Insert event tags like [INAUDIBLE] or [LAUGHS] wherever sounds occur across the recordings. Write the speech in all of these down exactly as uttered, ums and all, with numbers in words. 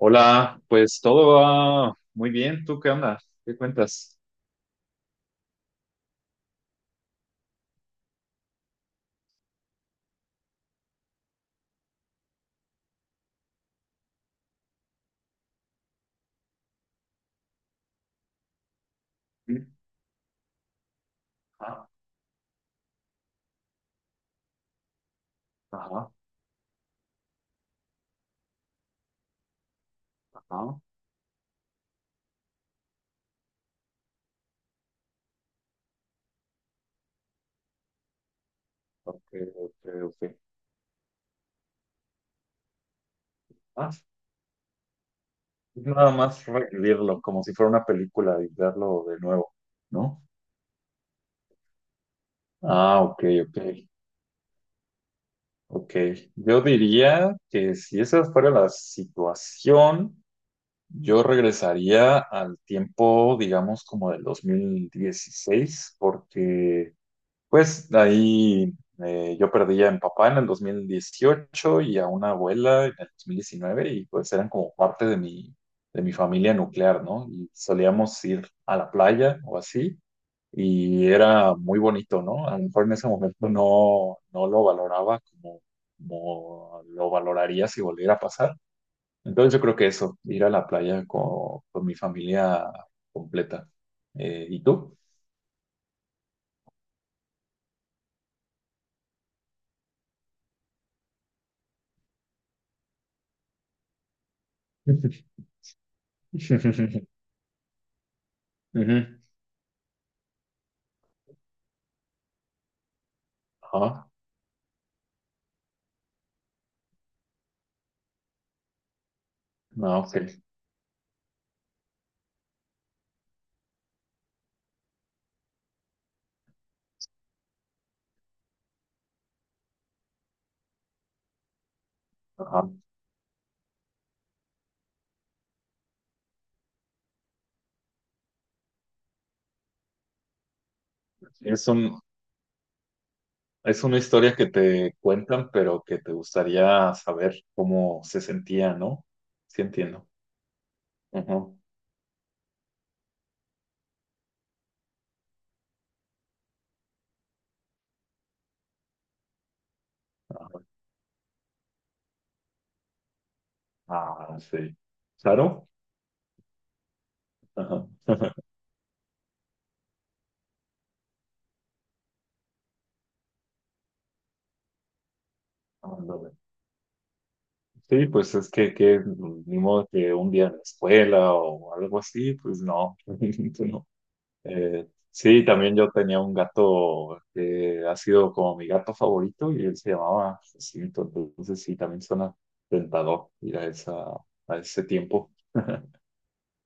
Hola, pues todo va muy bien. ¿Tú qué andas? ¿Qué cuentas? Sí. Ah, ajá, ajá. Ok, ok, ok. Ah, es nada más revivirlo como si fuera una película y verlo de nuevo, ¿no? Ah, ok, ok, ok. Yo diría que si esa fuera la situación, yo regresaría al tiempo, digamos, como del dos mil dieciséis, porque Pues de ahí eh, yo perdí a mi papá en el dos mil dieciocho y a una abuela en el dos mil diecinueve y pues eran como parte de mi, de mi, familia nuclear, ¿no? Y solíamos ir a la playa o así y era muy bonito, ¿no? A lo mejor en ese momento no, no lo valoraba como, como, lo valoraría si volviera a pasar. Entonces yo creo que eso, ir a la playa con, con, mi familia completa. Eh, ¿y tú? [LAUGHS] Ujú. Ajá. No, ok. Ajá. Es un, es una historia que te cuentan, pero que te gustaría saber cómo se sentía, ¿no? Sí, entiendo. Ajá. Ah, ah, sí. Claro. Ajá. Ándale. Sí, pues es que, que ni modo que un día en la escuela o algo así, pues no. [LAUGHS] No. Eh, sí, también yo tenía un gato que ha sido como mi gato favorito y él se llamaba Jacinto, entonces sí, también suena tentador ir a esa, a ese tiempo.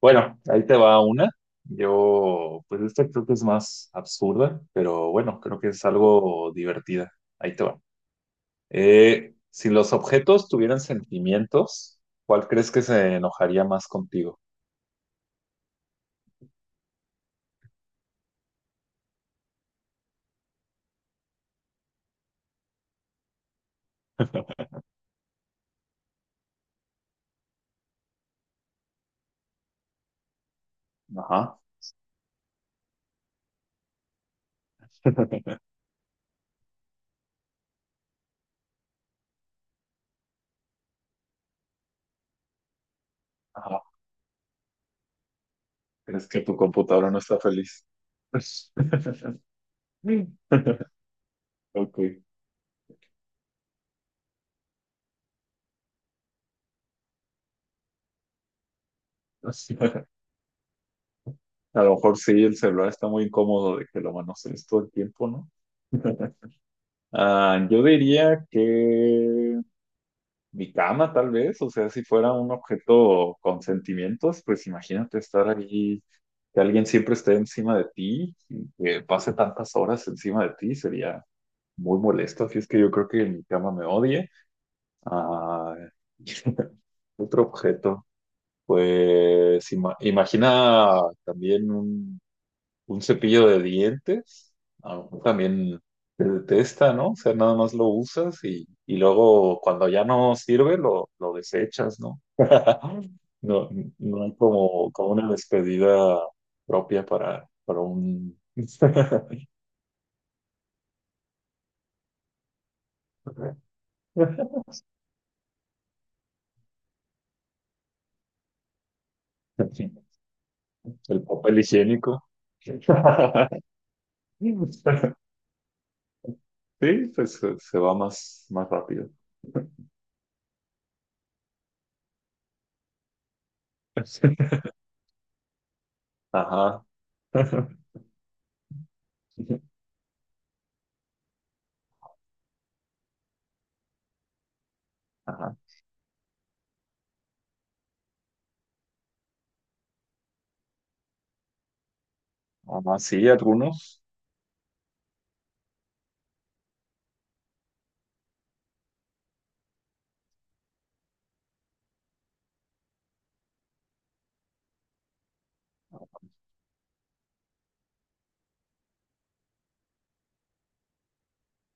Bueno, ahí te va una. Yo, pues esta creo que es más absurda, pero bueno, creo que es algo divertida. Ahí te va. Eh, si los objetos tuvieran sentimientos, ¿cuál crees que se enojaría más contigo? Ajá, ajá. ¿Crees que tu computadora no está feliz? [LAUGHS] [LAUGHS] Ok. O sea, [LAUGHS] a lo mejor sí, el celular está muy incómodo de que lo manosees todo el tiempo, ¿no? Ah, yo diría que mi cama, tal vez, o sea, si fuera un objeto con sentimientos, pues imagínate estar allí que alguien siempre esté encima de ti, y que pase tantas horas encima de ti, sería muy molesto, así es que yo creo que mi cama me odie. Ah, [LAUGHS] otro objeto, pues ima- imagina también un Un cepillo de dientes, a lo mejor también se detesta, ¿no? O sea, nada más lo usas y, y, luego cuando ya no sirve lo, lo desechas, ¿no? [LAUGHS] No, no hay como, como una despedida propia para, para, un... [LAUGHS] el papel higiénico. [LAUGHS] Sí, pues se, se, va más, más rápido. Ajá. [LAUGHS] Ajá. Ah, sí, algunos.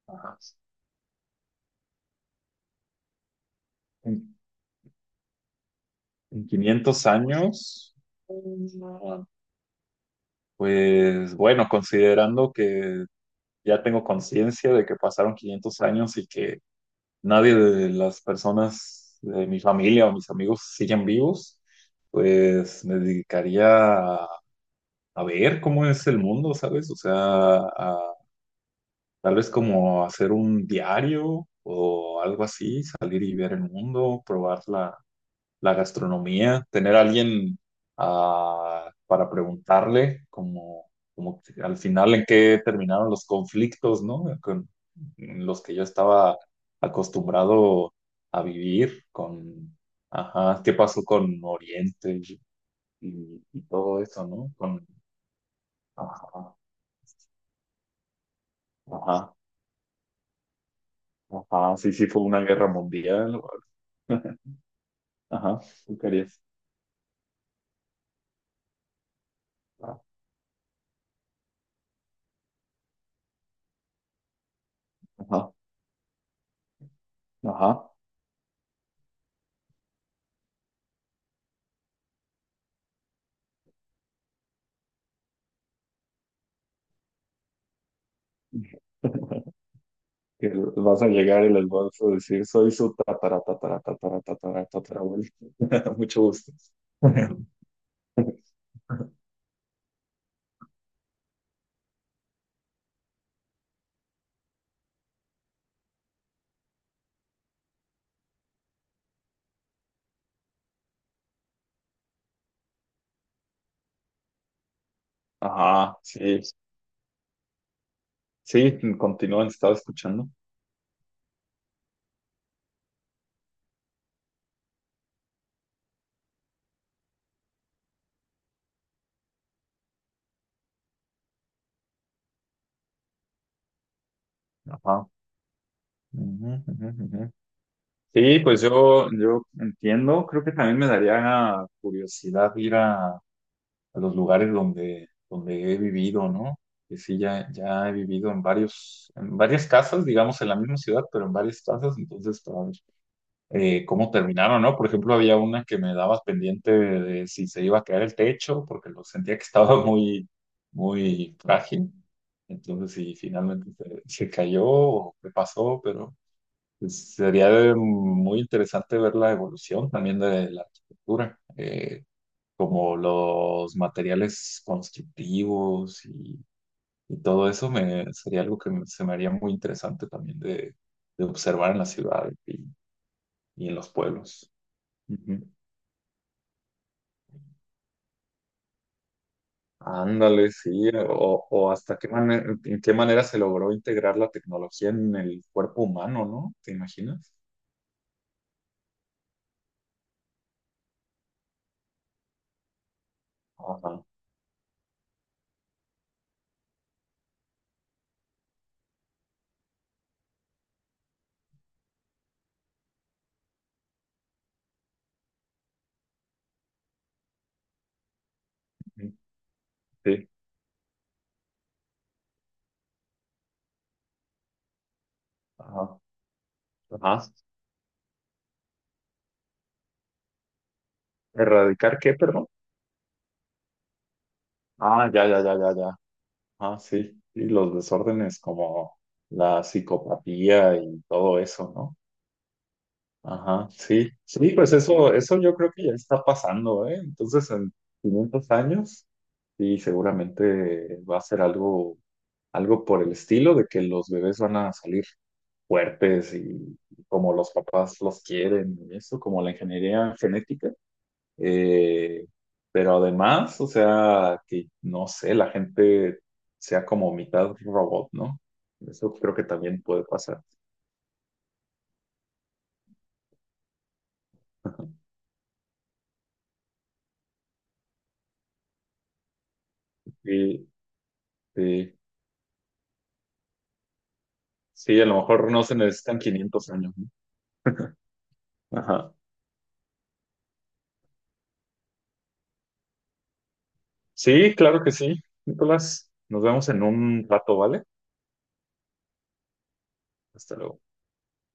Ajá. En, en quinientos años, mm, pues bueno, considerando que ya tengo conciencia de que pasaron quinientos años y que nadie de las personas de mi familia o mis amigos siguen vivos, pues me dedicaría a, a ver cómo es el mundo, ¿sabes? O sea, a- tal vez como hacer un diario o algo así, salir y ver el mundo, probar la, la gastronomía, tener a alguien ah, para preguntarle, como, como que al final en qué terminaron los conflictos, ¿no? Con, en los que yo estaba acostumbrado a vivir, con, ajá, qué pasó con Oriente y, y- y todo eso, ¿no? Con, ajá, ajá, ajá, sí, sí, fue una guerra mundial. [LAUGHS] Ajá, tú querías. Ajá, ajá. [LAUGHS] que vas a llegar y les vas a decir, soy su tatara, tatara, tatara, tatara, tatarabuelo. [LAUGHS] Mucho gusto. [LAUGHS] Ajá, sí, sí, continúan, estaba escuchando. Ajá. Ujú, ujú, ujú. Sí, pues yo, yo, entiendo, creo que también me daría curiosidad ir a, a, los lugares donde, donde he vivido, ¿no? Que sí, ya, ya, he vivido en varios, en varias casas, digamos, en la misma ciudad, pero en varias casas, entonces, para ver eh, cómo terminaron, ¿no? Por ejemplo, había una que me daba pendiente de si se iba a caer el techo, porque lo sentía que estaba [LAUGHS] muy, muy frágil. Entonces, si finalmente se, se, cayó o qué pasó, pero pues, sería de- muy interesante ver la evolución también de la arquitectura, eh, como los materiales constructivos y, y todo eso me, sería algo que me- se me haría muy interesante también de, de, observar en las ciudades y y en los pueblos. Ujú. Ándale, sí, o, o hasta qué manera, en qué manera se logró integrar la tecnología en el cuerpo humano, ¿no? ¿Te imaginas? Ajá, sí, ajá, ajá. ¿Erradicar qué, perdón? Ah, ya, ya, ya, ya, ya. Ah, sí, y los desórdenes como la psicopatía y todo eso, ¿no? Ajá, sí, sí, pues eso, eso, yo creo que ya está pasando, ¿eh? Entonces, en quinientos años, sí, seguramente va a ser algo, algo, por el estilo de que los bebés van a salir fuertes y, y como los papás los quieren y eso, como la ingeniería genética. Eh, pero además, o sea, que no sé, la gente sea como mitad robot, ¿no? Eso creo que también puede pasar. [LAUGHS] Sí, sí. Sí, a lo mejor no se necesitan quinientos años, ¿no? [LAUGHS] Ajá. Sí, claro que sí, Nicolás. Nos vemos en un rato, ¿vale? Hasta luego.